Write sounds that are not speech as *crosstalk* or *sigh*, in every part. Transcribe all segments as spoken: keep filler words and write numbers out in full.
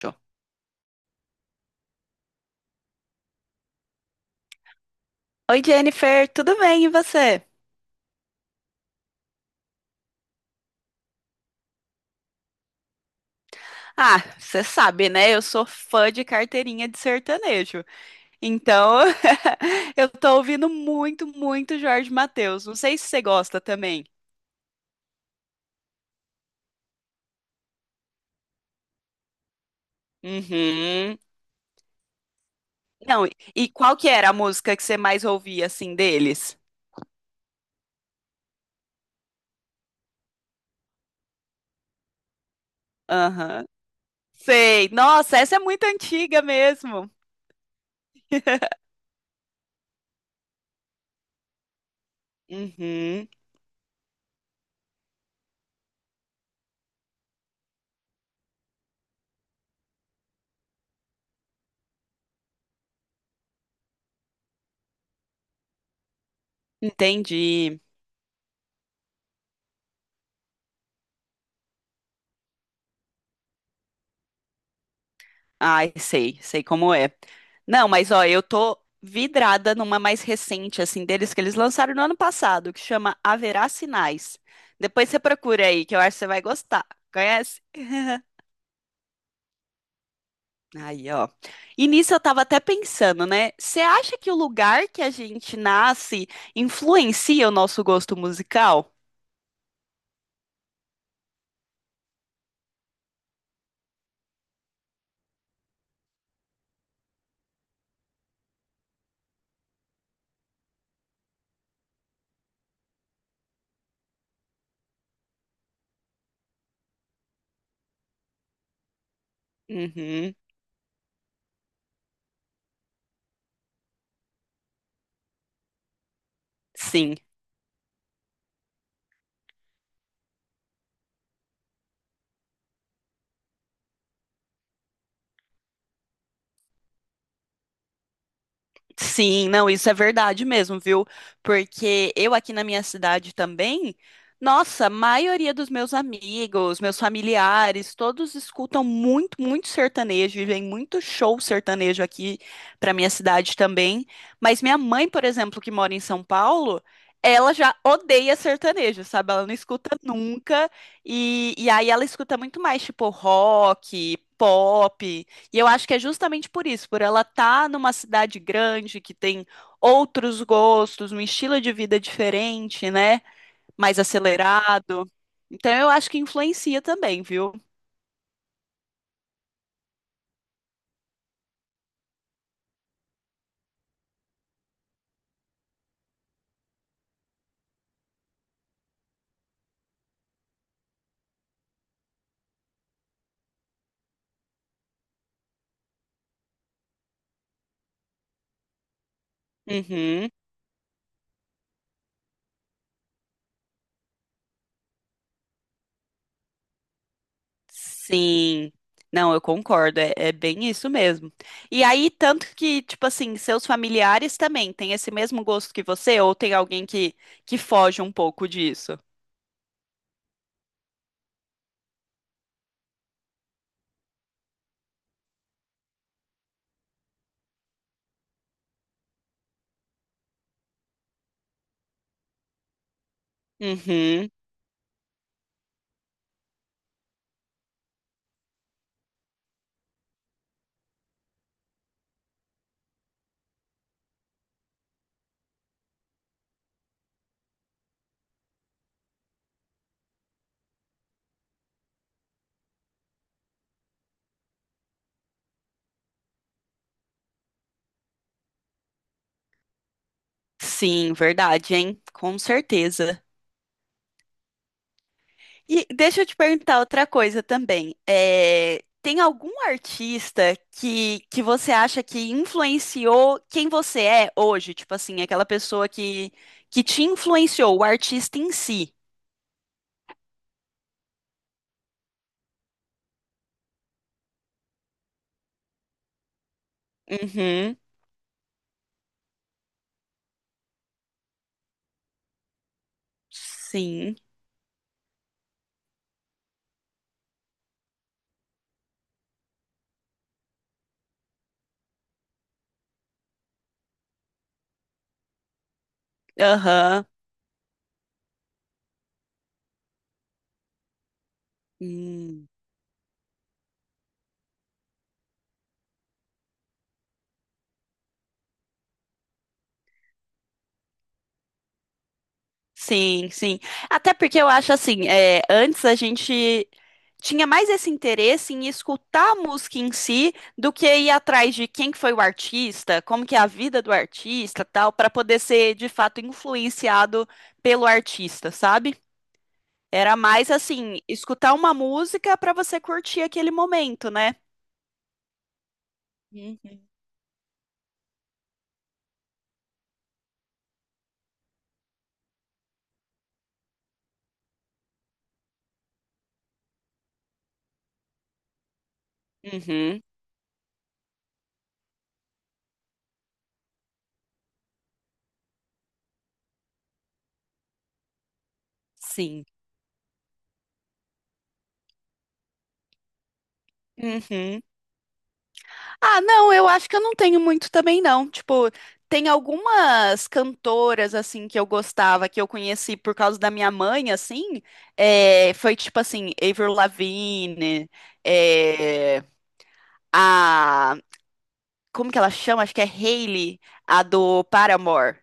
Show. Oi, Jennifer, tudo bem? E você? Ah, você sabe, né? Eu sou fã de carteirinha de sertanejo. Então, *laughs* eu tô ouvindo muito, muito Jorge Mateus. Não sei se você gosta também. Uhum. Não, e e qual que era a música que você mais ouvia, assim, deles? Aham. Sei. Nossa, essa é muito antiga mesmo. *laughs* Uhum. Entendi. Ai, sei, sei como é. Não, mas ó, eu tô vidrada numa mais recente, assim, deles que eles lançaram no ano passado, que chama Haverá Sinais. Depois você procura aí, que eu acho que você vai gostar. Conhece? *laughs* Aí, ó. E nisso eu tava até pensando, né? Você acha que o lugar que a gente nasce influencia o nosso gosto musical? Uhum, sim. Sim, não, isso é verdade mesmo, viu? Porque eu aqui na minha cidade também, nossa, a maioria dos meus amigos, meus familiares, todos escutam muito, muito sertanejo e vem muito show sertanejo aqui pra minha cidade também. Mas minha mãe, por exemplo, que mora em São Paulo, ela já odeia sertanejo, sabe? Ela não escuta nunca. E, e aí ela escuta muito mais, tipo, rock, pop. E eu acho que é justamente por isso, por ela estar numa cidade grande que tem outros gostos, um estilo de vida diferente, né? Mais acelerado. Então eu acho que influencia também, viu? Uhum. Sim. Não, eu concordo, é, é bem isso mesmo. E aí, tanto que, tipo assim, seus familiares também têm esse mesmo gosto que você, ou tem alguém que, que foge um pouco disso? Uhum. Sim, verdade, hein? Com certeza. E deixa eu te perguntar outra coisa também. É, tem algum artista que, que você acha que influenciou quem você é hoje? Tipo assim, aquela pessoa que, que te influenciou, o artista em si. Uhum. Sim. Aham. Hum. Sim, sim. Até porque eu acho assim, é, antes a gente tinha mais esse interesse em escutar a música em si do que ir atrás de quem que foi o artista, como que é a vida do artista, tal, para poder ser de fato influenciado pelo artista, sabe? Era mais assim, escutar uma música para você curtir aquele momento, né? Uhum. Uhum, sim. Uhum. Ah, não, eu acho que eu não tenho muito também, não. Tipo, tem algumas cantoras, assim, que eu gostava, que eu conheci por causa da minha mãe, assim. É, foi tipo assim, Avril Lavigne, é, a. Como que ela chama? Acho que é Hailey, a do Paramore.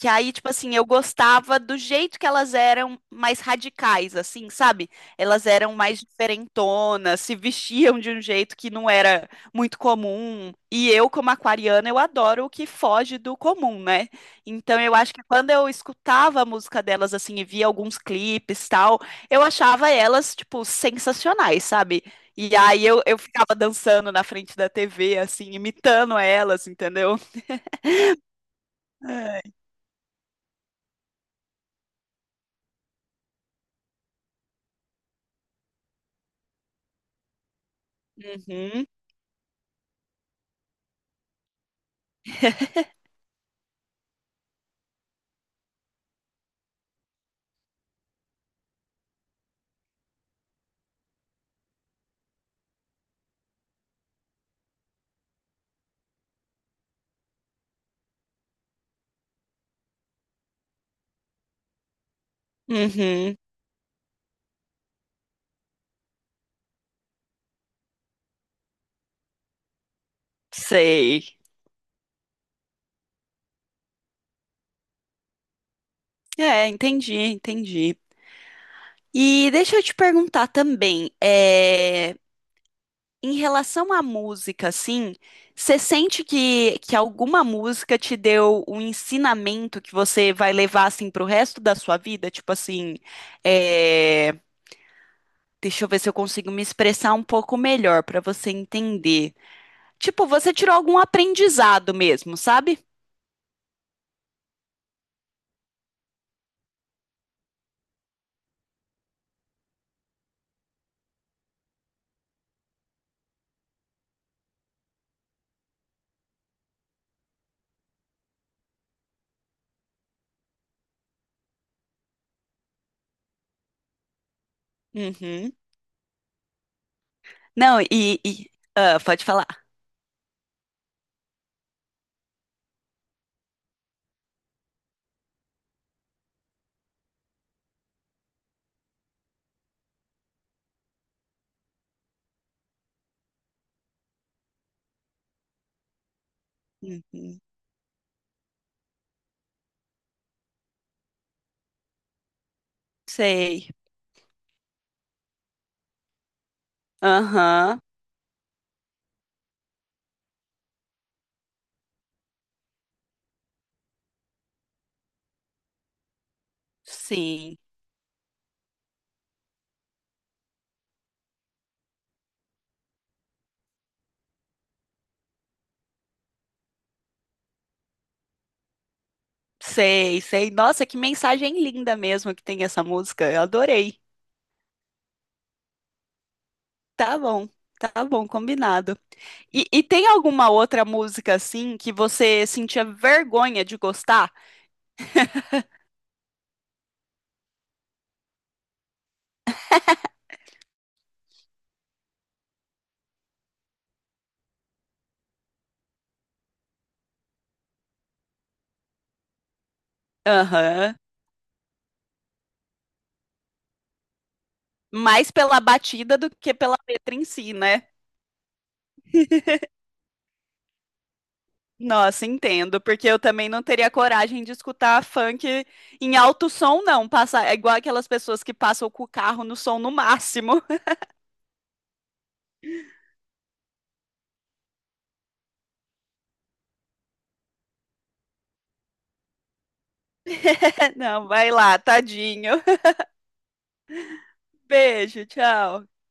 Que aí, tipo assim, eu gostava do jeito que elas eram mais radicais, assim, sabe? Elas eram mais diferentonas, se vestiam de um jeito que não era muito comum. E eu, como aquariana, eu adoro o que foge do comum, né? Então eu acho que quando eu escutava a música delas, assim, e via alguns clipes tal, eu achava elas, tipo, sensacionais, sabe? E aí eu, eu ficava dançando na frente da T V, assim, imitando elas, entendeu? É. Uhum. *laughs* Uhum, sei. É, entendi, entendi. E deixa eu te perguntar também, é, em relação à música, assim, você sente que, que alguma música te deu um ensinamento que você vai levar, assim, pro resto da sua vida? Tipo assim, é, deixa eu ver se eu consigo me expressar um pouco melhor para você entender. Tipo, você tirou algum aprendizado mesmo, sabe? Uhum. Não, e... e- ah, pode falar. Uhum. Sei. Aham, sim. Sei, sei. Nossa, que mensagem linda mesmo que tem essa música. Eu adorei. Tá bom, tá bom, combinado. E, e tem alguma outra música assim que você sentia vergonha de gostar? Aham. Mais pela batida do que pela letra em si, né? Nossa, entendo, porque eu também não teria coragem de escutar funk em alto som, não. Passa, é igual aquelas pessoas que passam com o carro no som no máximo. *laughs* Não, vai lá, tadinho. Beijo, tchau.